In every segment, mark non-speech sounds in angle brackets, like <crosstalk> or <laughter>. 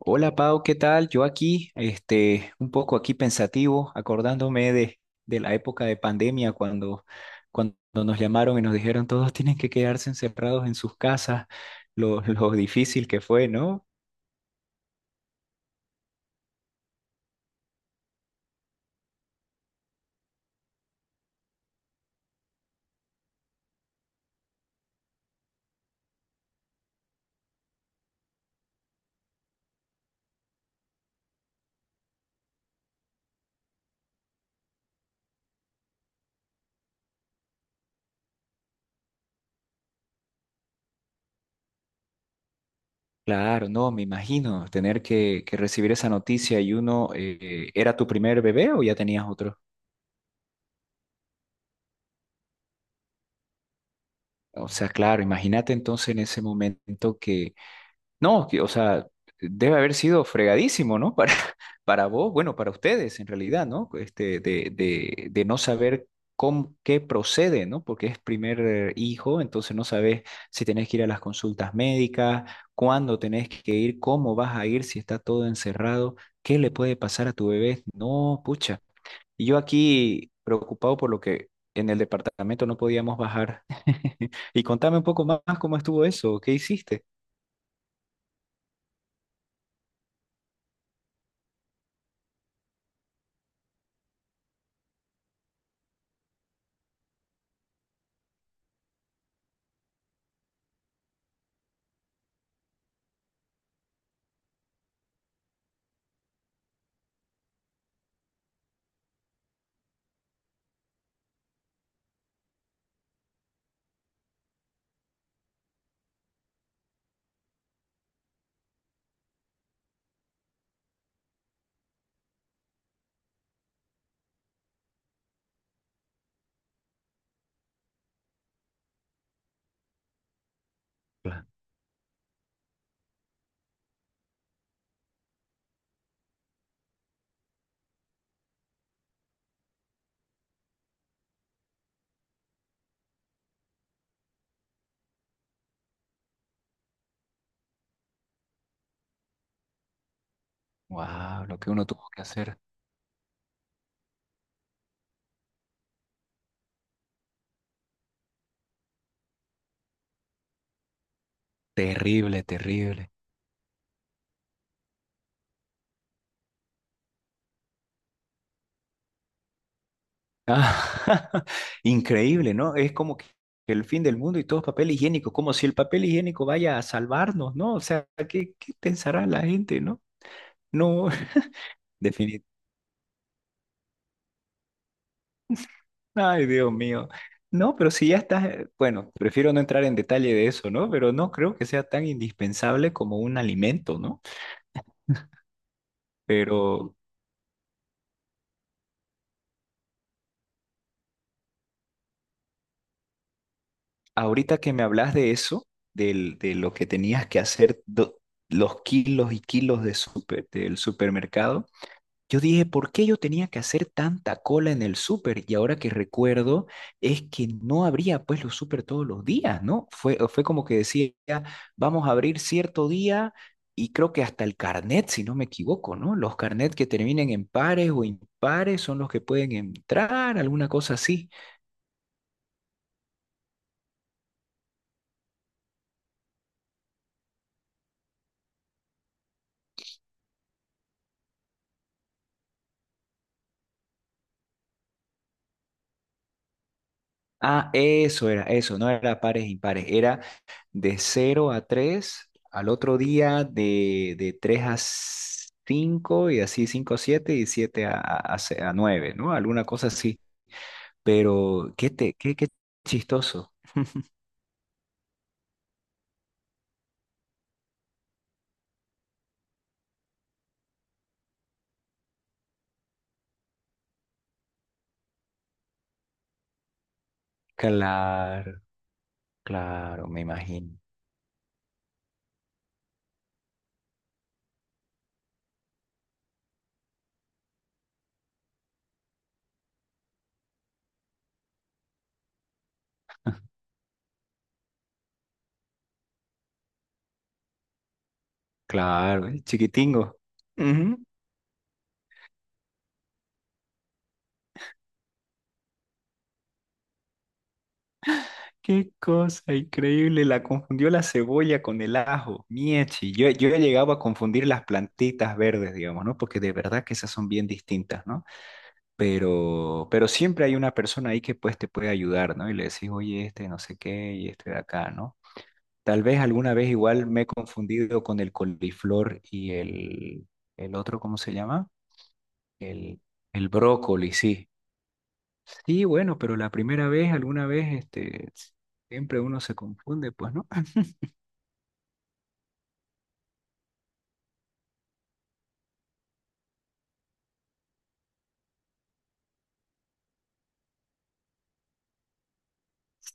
Hola Pau, ¿qué tal? Yo aquí, un poco aquí pensativo, acordándome de la época de pandemia cuando nos llamaron y nos dijeron todos tienen que quedarse encerrados en sus casas, <laughs> lo difícil que fue, ¿no? Claro, no, me imagino tener que recibir esa noticia y uno, ¿era tu primer bebé o ya tenías otro? O sea, claro, imagínate entonces en ese momento. No, que, o sea, debe haber sido fregadísimo, ¿no? <laughs> Para vos, bueno, para ustedes en realidad, ¿no? De no saber con qué procede, ¿no? Porque es primer hijo, entonces no sabes si tenés que ir a las consultas médicas, cuándo tenés que ir, cómo vas a ir, si está todo encerrado, qué le puede pasar a tu bebé. No, pucha. Y yo aquí preocupado por lo que en el departamento no podíamos bajar. <laughs> Y contame un poco más cómo estuvo eso, ¿qué hiciste? Wow, lo que uno tuvo que hacer. Terrible, terrible. Ah, <laughs> increíble, ¿no? Es como que el fin del mundo y todo es papel higiénico, como si el papel higiénico vaya a salvarnos, ¿no? O sea, ¿qué, qué pensará la gente, no? No, <laughs> definitivamente. Ay, Dios mío. No, pero si ya estás, bueno, prefiero no entrar en detalle de eso, ¿no? Pero no creo que sea tan indispensable como un alimento, ¿no? Pero ahorita que me hablas de eso, de lo que tenías que hacer, los kilos y kilos de del supermercado, yo dije, ¿por qué yo tenía que hacer tanta cola en el súper? Y ahora que recuerdo, es que no abría pues los súper todos los días, ¿no? Fue como que decía, vamos a abrir cierto día y creo que hasta el carnet, si no me equivoco, ¿no? Los carnet que terminen en pares o impares son los que pueden entrar, alguna cosa así. Ah, eso era, eso, no era pares impares, era de cero a 3, al otro día de 3 a 5 y así 5 a 7 y 7 a 9, ¿no? Alguna cosa así. Pero qué, te, qué, qué chistoso. Claro, claro, me imagino. Claro, el chiquitingo. Ujú. Qué cosa increíble, la confundió la cebolla con el ajo, miechi. Yo he llegado a confundir las plantitas verdes, digamos, ¿no? Porque de verdad que esas son bien distintas, ¿no? Pero siempre hay una persona ahí que pues te puede ayudar, ¿no? Y le decís, oye, este no sé qué y este de acá, ¿no? Tal vez alguna vez igual me he confundido con el coliflor y el otro, ¿cómo se llama? El, el brócoli, sí. Sí, bueno, pero la primera vez, alguna vez, siempre uno se confunde, pues, ¿no?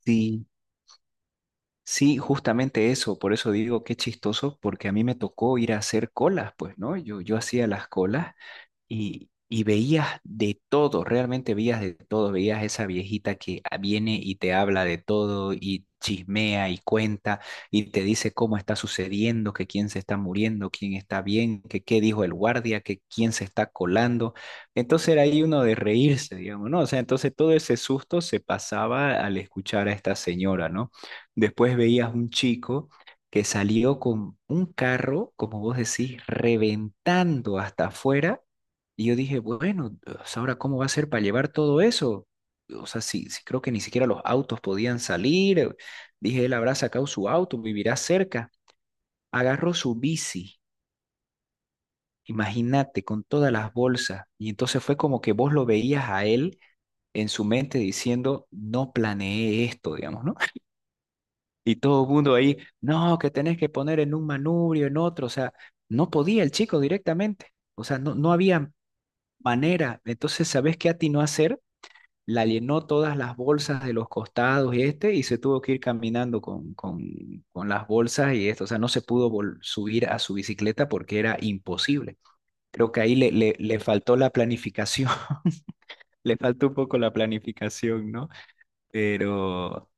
Sí, sí, justamente eso, por eso digo qué chistoso, porque a mí me tocó ir a hacer colas, pues, ¿no? Yo hacía las colas. Y veías de todo, realmente veías de todo, veías esa viejita que viene y te habla de todo y chismea y cuenta y te dice cómo está sucediendo, que quién se está muriendo, quién está bien, que qué dijo el guardia, que quién se está colando. Entonces era ahí uno de reírse, digamos, ¿no? O sea, entonces todo ese susto se pasaba al escuchar a esta señora, ¿no? Después veías un chico que salió con un carro, como vos decís, reventando hasta afuera y yo dije, bueno, o sea, ahora cómo va a ser para llevar todo eso. O sea, sí, sí creo que ni siquiera los autos podían salir. Dije, él habrá sacado su auto, vivirá cerca. Agarró su bici, imagínate, con todas las bolsas. Y entonces fue como que vos lo veías a él en su mente diciendo, no planeé esto, digamos, ¿no? <laughs> Y todo el mundo ahí, no, que tenés que poner en un manubrio, en otro. O sea, no podía el chico directamente. O sea, no, no había manera. Entonces, ¿sabés qué atinó a hacer? La llenó todas las bolsas de los costados y y se tuvo que ir caminando con las bolsas y esto, o sea, no se pudo subir a su bicicleta porque era imposible. Creo que ahí le faltó la planificación, <laughs> le faltó un poco la planificación, ¿no? Pero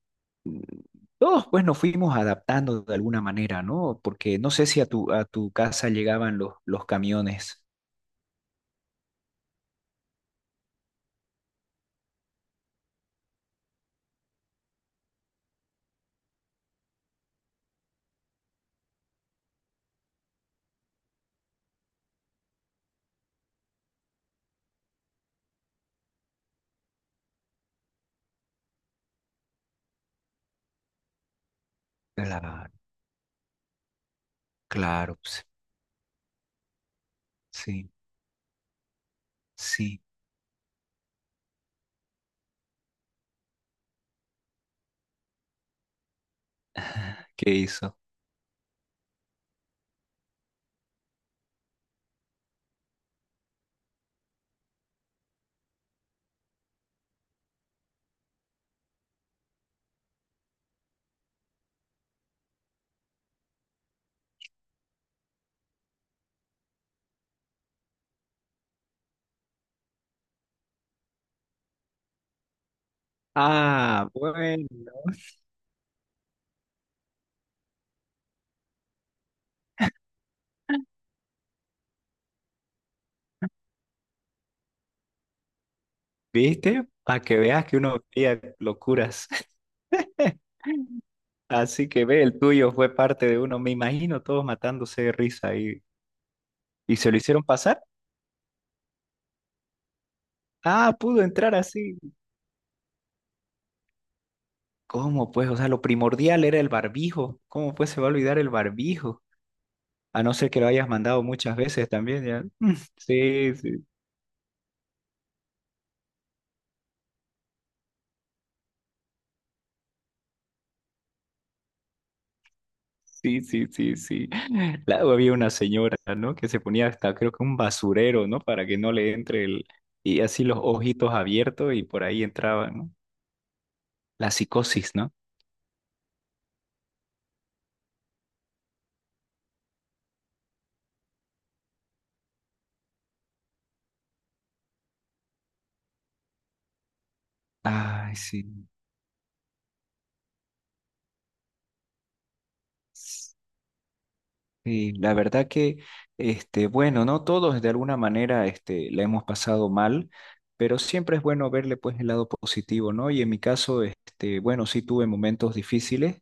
mm, todos pues nos fuimos adaptando de alguna manera, ¿no? Porque no sé si a tu casa llegaban los camiones. Claro, claro, pues, sí, sí. ¿Qué hizo? Ah, bueno. ¿Viste? Para que veas que uno veía locuras. <laughs> Así que ve, el tuyo fue parte de uno, me imagino, todos matándose de risa y se lo hicieron pasar. Ah, pudo entrar así. ¿Cómo pues? O sea, lo primordial era el barbijo. ¿Cómo pues se va a olvidar el barbijo? A no ser que lo hayas mandado muchas veces también, ¿ya? <laughs> Mm, sí, sí, sí, sí, sí, sí. <laughs> Luego había una señora, ¿no? Que se ponía hasta, creo que un basurero, ¿no? Para que no le entre el... Y así los ojitos abiertos y por ahí entraban, ¿no? La psicosis, ¿no? Ay, sí. Sí, la verdad que, bueno, no todos de alguna manera, la hemos pasado mal, pero siempre es bueno verle pues el lado positivo, ¿no? Y en mi caso, bueno, sí tuve momentos difíciles,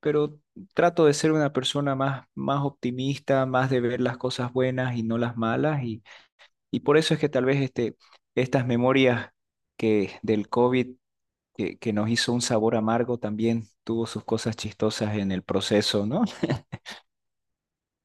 pero trato de ser una persona más, más optimista, más de ver las cosas buenas y no las malas, y por eso es que tal vez estas memorias que del COVID que nos hizo un sabor amargo también, tuvo sus cosas chistosas en el proceso, ¿no? <laughs>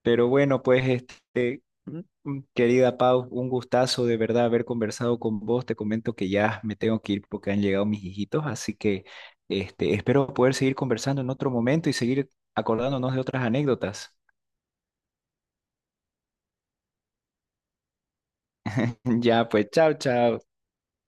Pero bueno, pues querida Pau, un gustazo de verdad haber conversado con vos. Te comento que ya me tengo que ir porque han llegado mis hijitos, así que espero poder seguir conversando en otro momento y seguir acordándonos de otras anécdotas. <laughs> Ya, pues, chao, chao.